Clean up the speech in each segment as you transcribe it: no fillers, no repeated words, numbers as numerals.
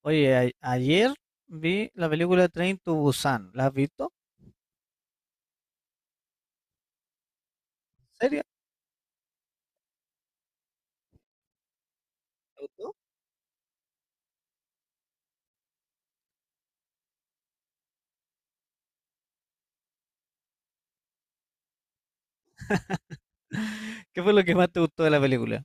Oye, ayer vi la película Train to Busan. ¿La has visto? ¿En serio? ¿Te gustó? ¿Qué fue lo que más te gustó de la película?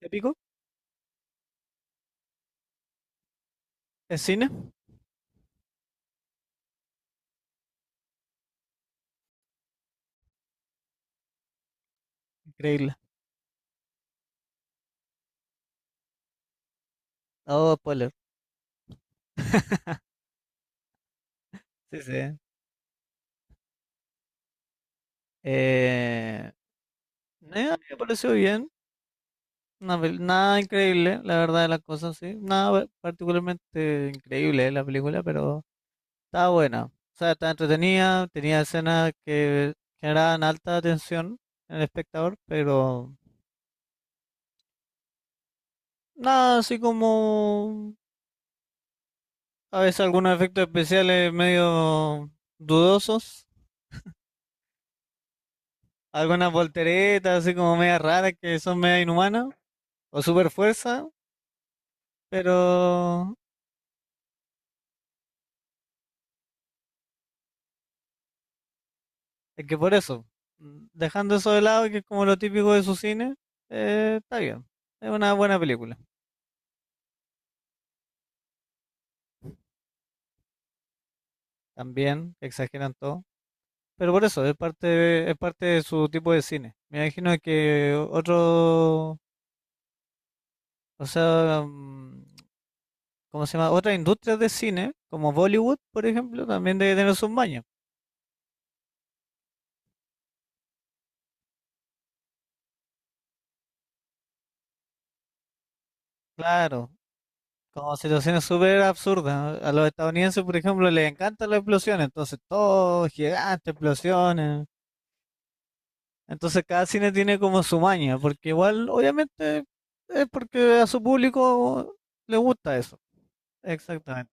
¿Te pico? ¿Es cine? Increíble. Oh, spoiler. Sí, sí. Me pareció bien. Nada increíble, la verdad de las cosas, sí. Nada particularmente increíble la película, pero estaba buena. O sea, estaba entretenida, tenía escenas que generaban alta atención en el espectador, pero... Nada, así como a veces algunos efectos especiales medio dudosos, algunas volteretas así como media raras que son media inhumanas, o super fuerza, pero es que por eso, dejando eso de lado, que es como lo típico de su cine, está bien. Es una buena película. También exageran todo. Pero por eso, es parte, es parte de su tipo de cine. Me imagino que otro, o sea, ¿cómo se llama? Otras industrias de cine, como Bollywood, por ejemplo, también debe tener sus mañas. Claro, como situaciones súper absurdas, ¿no? A los estadounidenses, por ejemplo, les encantan las explosiones, entonces todo gigante, explosiones. Entonces cada cine tiene como su maña, porque igual, obviamente, es porque a su público le gusta eso. Exactamente.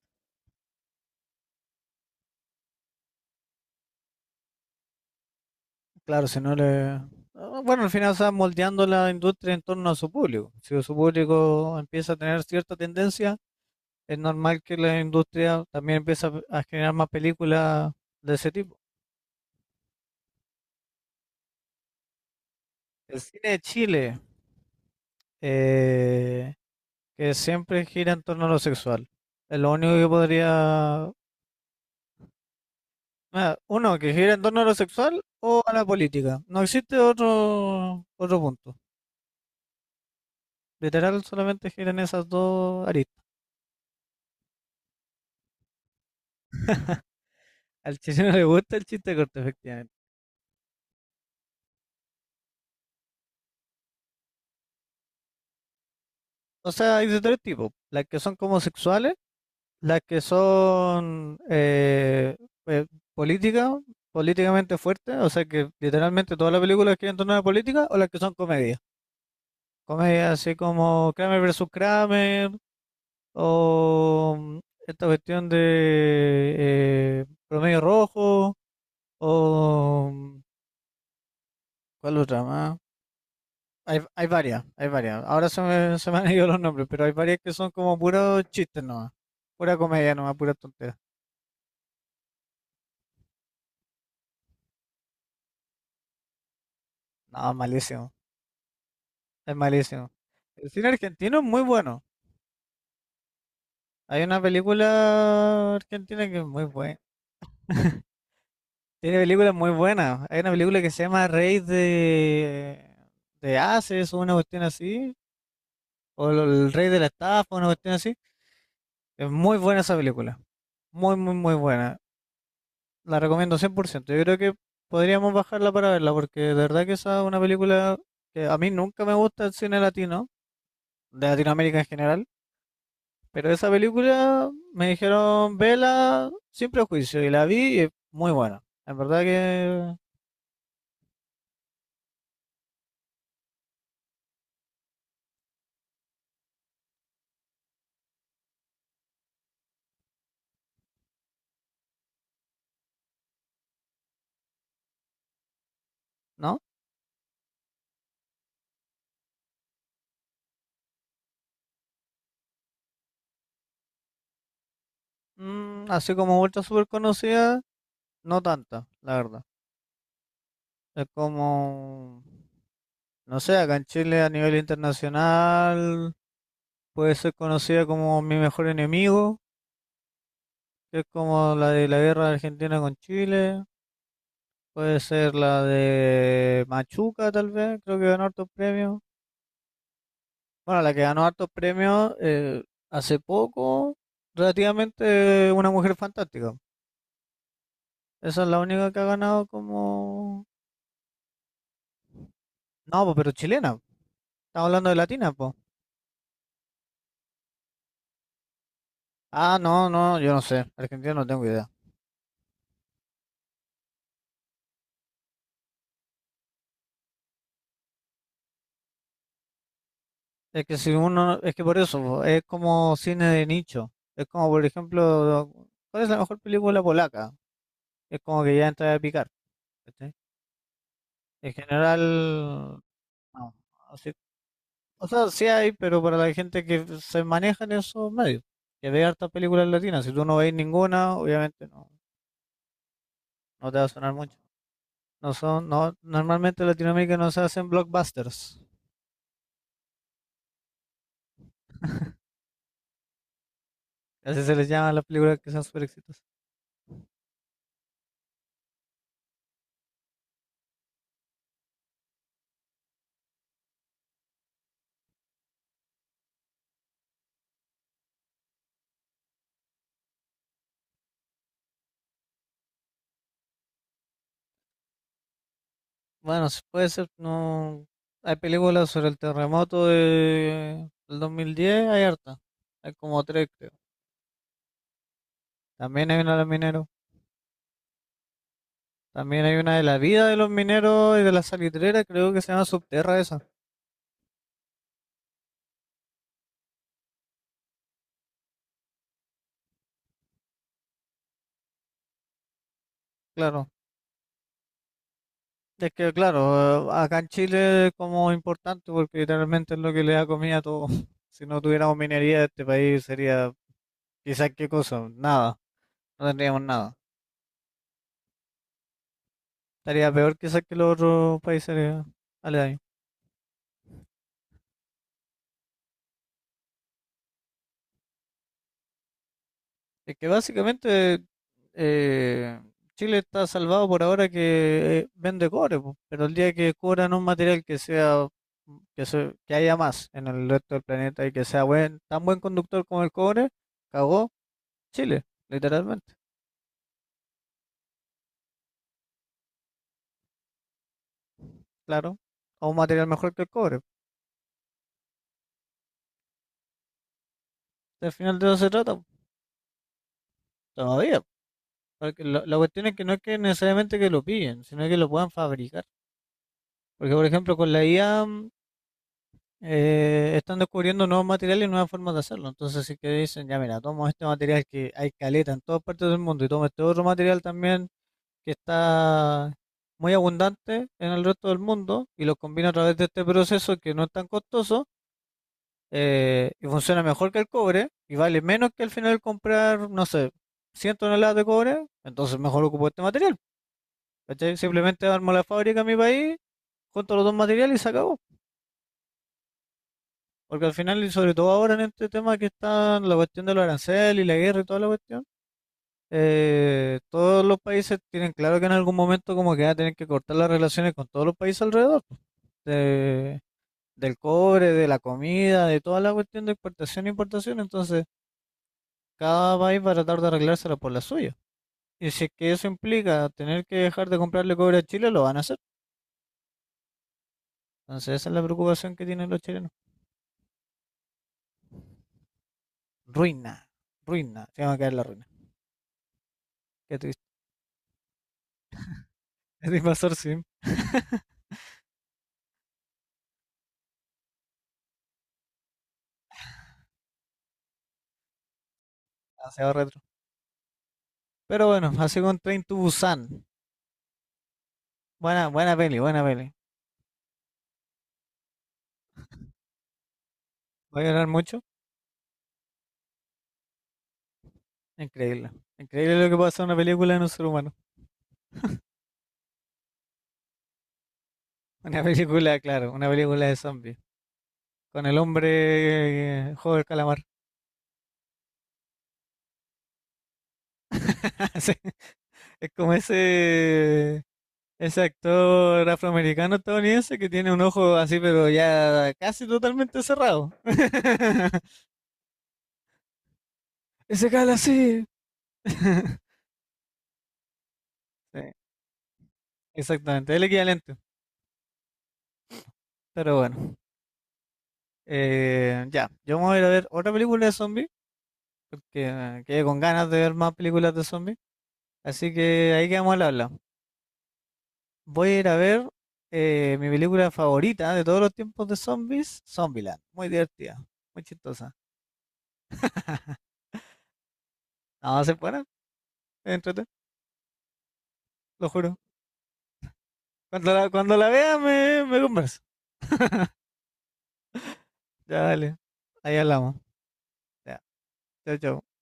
Claro, si no le... Ah, bueno, al final está moldeando la industria en torno a su público. Si su público empieza a tener cierta tendencia, es normal que la industria también empiece a generar más películas de ese tipo. El cine de Chile, eh, que siempre gira en torno a lo sexual, es lo único que podría... Ah, uno, que gira en torno a lo sexual o a la política. No existe otro punto. Literal, solamente giran esas dos aristas. Al chileno le gusta el chiste corto, efectivamente. O sea, hay de tres tipos. Las que son como sexuales, las que son eh, políticas, políticamente fuertes, o sea que literalmente toda la película es en torno a la política, o las que son comedias. Comedias así como Kramer versus Kramer, o esta cuestión de Promedio Rojo, o ¿cuál otra más? Hay varias, hay varias. Ahora se me han ido los nombres, pero hay varias que son como puros chistes nomás, pura comedia nomás, pura tontera. No, malísimo, es malísimo. El cine argentino es muy bueno. Hay una película argentina que es muy buena. Tiene películas muy buenas. Hay una película que se llama de Ases o una cuestión así. O El Rey de la Estafa, una cuestión así. Es muy buena esa película. Muy, muy, muy buena. La recomiendo 100%. Yo creo que podríamos bajarla para verla porque de verdad que esa es una película que a mí nunca me gusta el cine latino, de Latinoamérica en general. Pero esa película me dijeron vela sin prejuicio y la vi y es muy buena. En verdad que no. Mm, así como vuelta súper conocida, no tanta, la verdad. Es como, no sé, acá en Chile a nivel internacional puede ser conocida como Mi Mejor Enemigo, que es como la de la guerra de Argentina con Chile. Puede ser la de Machuca, tal vez, creo que ganó hartos premios. Bueno, la que ganó hartos premios hace poco, relativamente, una mujer fantástica. Esa es la única que ha ganado como... No, po, pero chilena. Estamos hablando de latina, po. Ah, no, no, yo no sé. Argentina no tengo idea. Es que si uno... Es que por eso, po, es como cine de nicho. Es como, por ejemplo, ¿cuál es la mejor película polaca? Es como que ya entra a picar. ¿Cachai? En general, no. Así o sea, sí hay, pero para la gente que se maneja en esos medios, que ve hartas películas latinas, si tú no veis ninguna, obviamente no, no te va a sonar mucho. No son, no, normalmente en Latinoamérica no se hacen blockbusters. Así se les llama a las películas que son súper exitosas. Bueno, sí puede ser, no. Hay películas sobre el del 2010, hay harta. Hay como tres, creo. También hay una de los mineros. También hay una de la vida de los mineros y de la salitrera, creo que se llama Subterra esa. Claro. Es que, claro, acá en Chile como importante porque literalmente es lo que le da comida a todo. Si no tuviéramos minería, este país sería quizás qué cosa, nada, no tendríamos nada. Estaría peor quizás que los otros países aledaños. Es que básicamente eh, Chile está salvado por ahora que vende cobre, po, pero el día que cobran un material que sea que, que haya más en el resto del planeta y que sea buen, tan buen conductor como el cobre, cagó Chile, literalmente. Claro, o un material mejor que el cobre. Al final de eso se trata, todavía. Porque la cuestión es que no es que necesariamente que lo pillen, sino que lo puedan fabricar. Porque, por ejemplo, con la IA están descubriendo nuevos materiales y nuevas formas de hacerlo. Entonces, si que dicen, ya mira, tomo este material que hay caleta en todas partes del mundo y tomo este otro material también que está muy abundante en el resto del mundo y lo combino a través de este proceso que no es tan costoso y funciona mejor que el cobre y vale menos que al final comprar, no sé, 100 toneladas de cobre, entonces mejor ocupo este material. ¿Cachai? Simplemente armo la fábrica en mi país, junto los dos materiales y se acabó. Porque al final, y sobre todo ahora en este tema que está la cuestión de los aranceles y la guerra y toda la cuestión, todos los países tienen claro que en algún momento como que van a tener que cortar las relaciones con todos los países alrededor. de- Del cobre, de la comida, de toda la cuestión de exportación e importación. Entonces, cada país va a tratar de arreglársela por la suya. Y si es que eso implica tener que dejar de comprarle cobre a Chile, lo van a hacer. Entonces esa es la preocupación que tienen los chilenos. Ruina, ruina, se va a caer la ruina. Qué triste. El invasor sim. Demasiado retro. Pero bueno, así con Train to Busan. Buena, buena peli, buena peli. ¿Va a llorar mucho? Increíble. Increíble lo que pasa en una película de un ser humano. Una película, claro, una película de zombies. Con el hombre juego del calamar. Sí, es como ese actor afroamericano estadounidense que tiene un ojo así, pero ya casi totalmente cerrado. Ese cala así. Sí, exactamente, el equivalente. Pero bueno, eh, ya, yo me voy a ir a ver otra película de zombies, porque quedé con ganas de ver más películas de zombies. Así que ahí quedamos al habla. Voy a ir a ver mi película favorita de todos los tiempos de zombies, Zombieland. Muy divertida, muy chistosa. No, se buena, entrete, lo juro. Cuando la vea me compras Ya, dale. Ahí hablamos. Ya. Chao, chao.